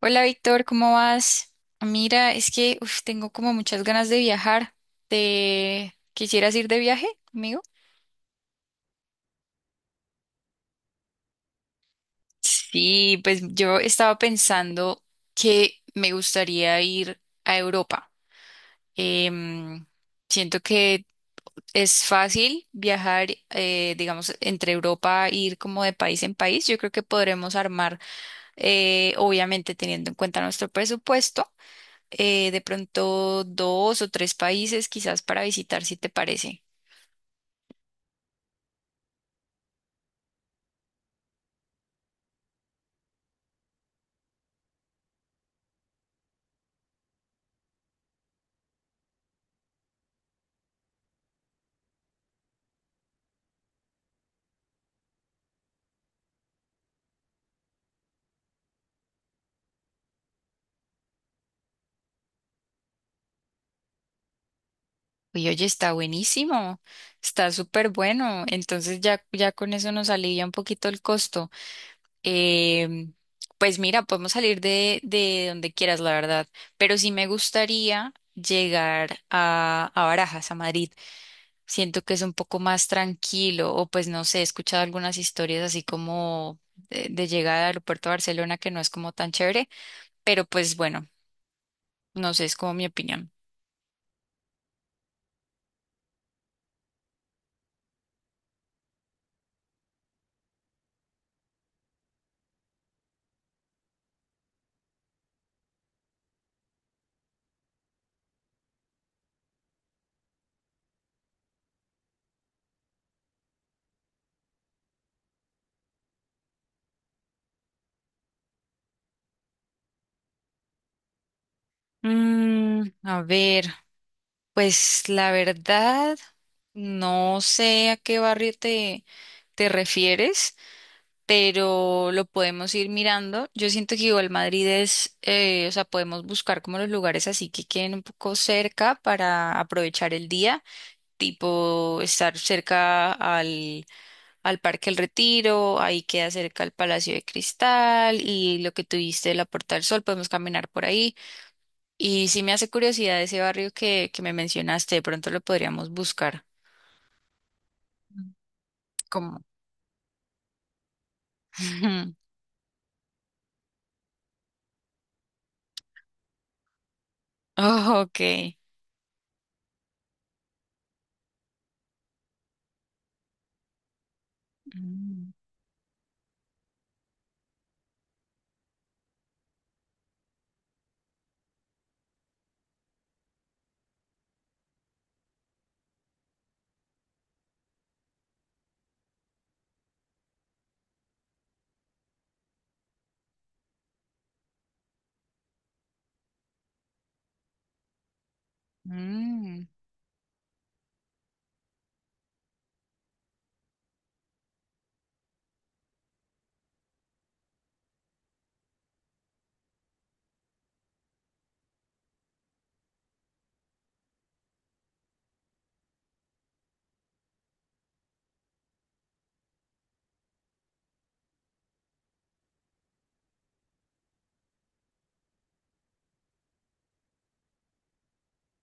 Hola Víctor, ¿cómo vas? Mira, es que uf, tengo como muchas ganas de viajar. ¿Te quisieras ir de viaje conmigo? Sí, pues yo estaba pensando que me gustaría ir a Europa. Em, Siento que es fácil viajar, digamos, entre Europa, ir como de país en país. Yo creo que podremos armar, obviamente teniendo en cuenta nuestro presupuesto. De pronto dos o tres países quizás para visitar, si te parece. Uy, oye, está buenísimo, está súper bueno. Entonces ya, ya con eso nos alivia un poquito el costo. Em, pues mira, podemos salir de donde quieras, la verdad. Pero sí me gustaría llegar a Barajas, a Madrid. Siento que es un poco más tranquilo, o pues no sé, he escuchado algunas historias así como de llegada al aeropuerto de Barcelona que no es como tan chévere, pero pues bueno, no sé, es como mi opinión. A ver, pues la verdad, no sé a qué barrio te refieres, pero lo podemos ir mirando. Yo siento que igual Madrid es, o sea, podemos buscar como los lugares así que queden un poco cerca para aprovechar el día. Tipo estar cerca al Parque El Retiro, ahí queda cerca el Palacio de Cristal y lo que tuviste de la Puerta del Sol, podemos caminar por ahí. Y sí me hace curiosidad ese barrio que me mencionaste, de pronto lo podríamos buscar. Como. Oh, ok. Mm, mm,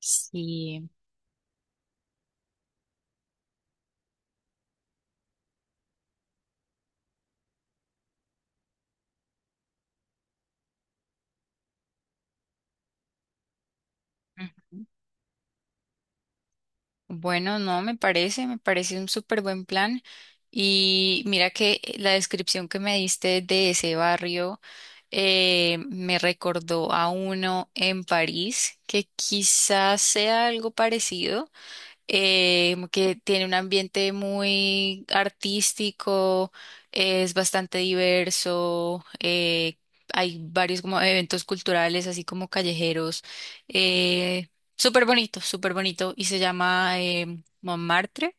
sí. Ujú. Bueno, no, me parece un súper buen plan. Y mira que la descripción que me diste de ese barrio, me recordó a uno en París que quizás sea algo parecido, que tiene un ambiente muy artístico, es bastante diverso, hay varios como eventos culturales, así como callejeros, eh, súper bonito, y se llama Montmartre.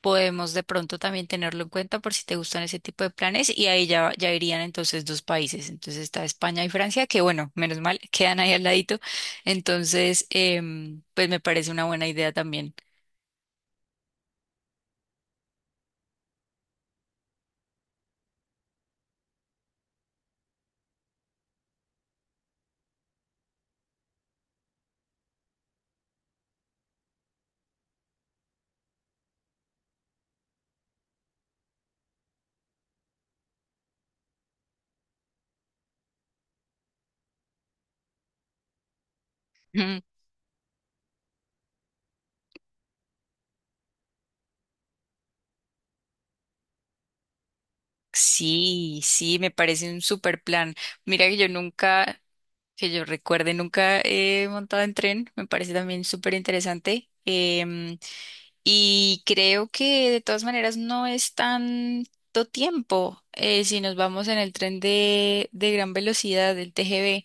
Podemos de pronto también tenerlo en cuenta por si te gustan ese tipo de planes y ahí ya, ya irían entonces dos países. Entonces está España y Francia, que bueno, menos mal, quedan ahí al ladito. Entonces, pues me parece una buena idea también. Mm. Sí, sí, me parece un super plan. Mira que yo nunca, que yo recuerde, nunca he montado en tren, me parece también súper interesante. Y creo que de todas maneras no es tanto tiempo. Si nos vamos en el tren de gran velocidad del TGV,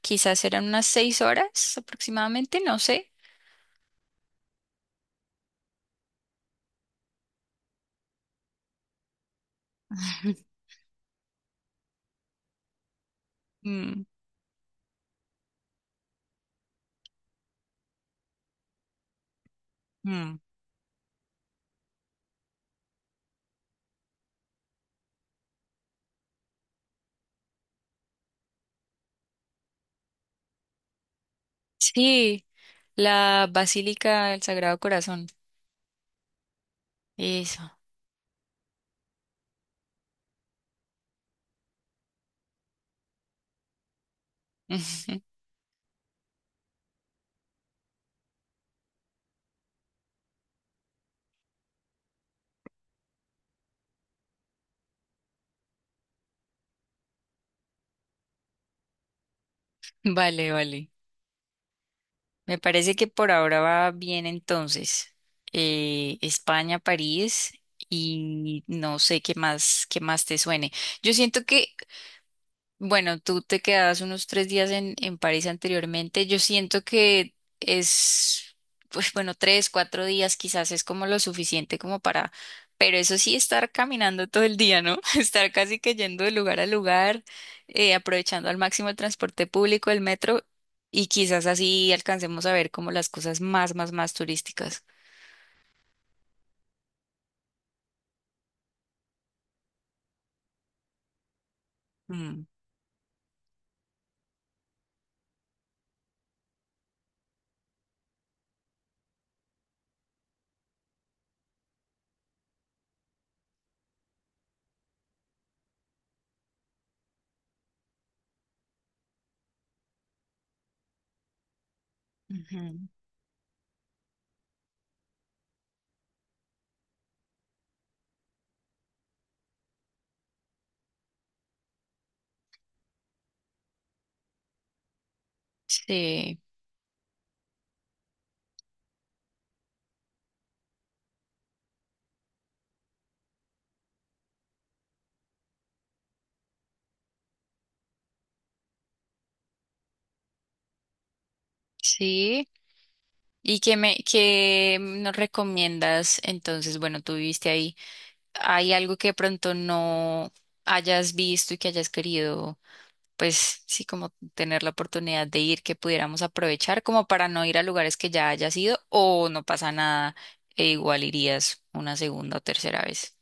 quizás serán unas 6 horas aproximadamente, no sé. Mm, mm. Sí, la Basílica del Sagrado Corazón. Eso. Vale, vale. Me parece que por ahora va bien entonces. España, París y no sé qué más te suene. Yo siento que bueno, tú te quedabas unos 3 días en París anteriormente. Yo siento que es, pues bueno, 3, 4 días quizás es como lo suficiente como para, pero eso sí, estar caminando todo el día, ¿no? Estar casi que yendo de lugar a lugar, aprovechando al máximo el transporte público, el metro, y quizás así alcancemos a ver como las cosas más, más, más turísticas. Mm. Ujú. Sí, sí. ¿Y qué nos recomiendas entonces? Bueno, tú viviste ahí. Hay algo que de pronto no hayas visto y que hayas querido, pues sí, como tener la oportunidad de ir, que pudiéramos aprovechar como para no ir a lugares que ya hayas ido o no pasa nada e igual irías una segunda o tercera vez.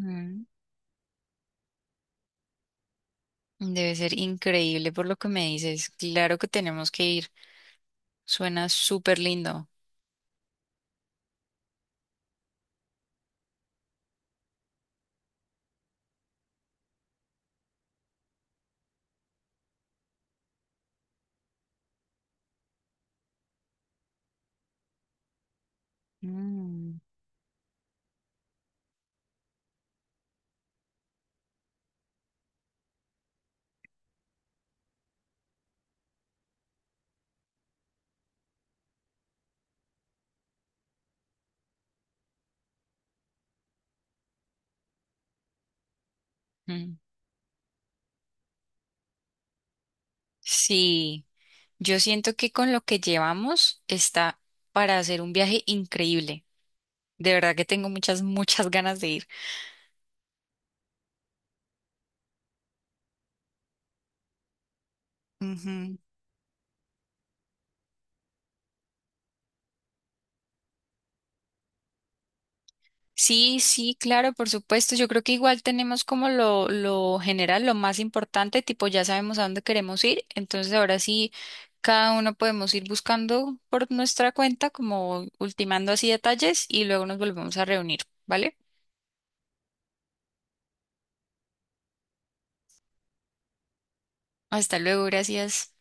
Mm. Debe ser increíble por lo que me dices. Claro que tenemos que ir. Suena súper lindo. Mm. Mm. Sí, yo siento que con lo que llevamos está para hacer un viaje increíble. De verdad que tengo muchas, muchas ganas de ir. Ujú. Sí, sí, claro, por supuesto. Yo creo que igual tenemos como lo general, lo más importante, tipo ya sabemos a dónde queremos ir. Entonces ahora sí, cada uno podemos ir buscando por nuestra cuenta, como ultimando así detalles y luego nos volvemos a reunir, ¿vale? Hasta luego, gracias.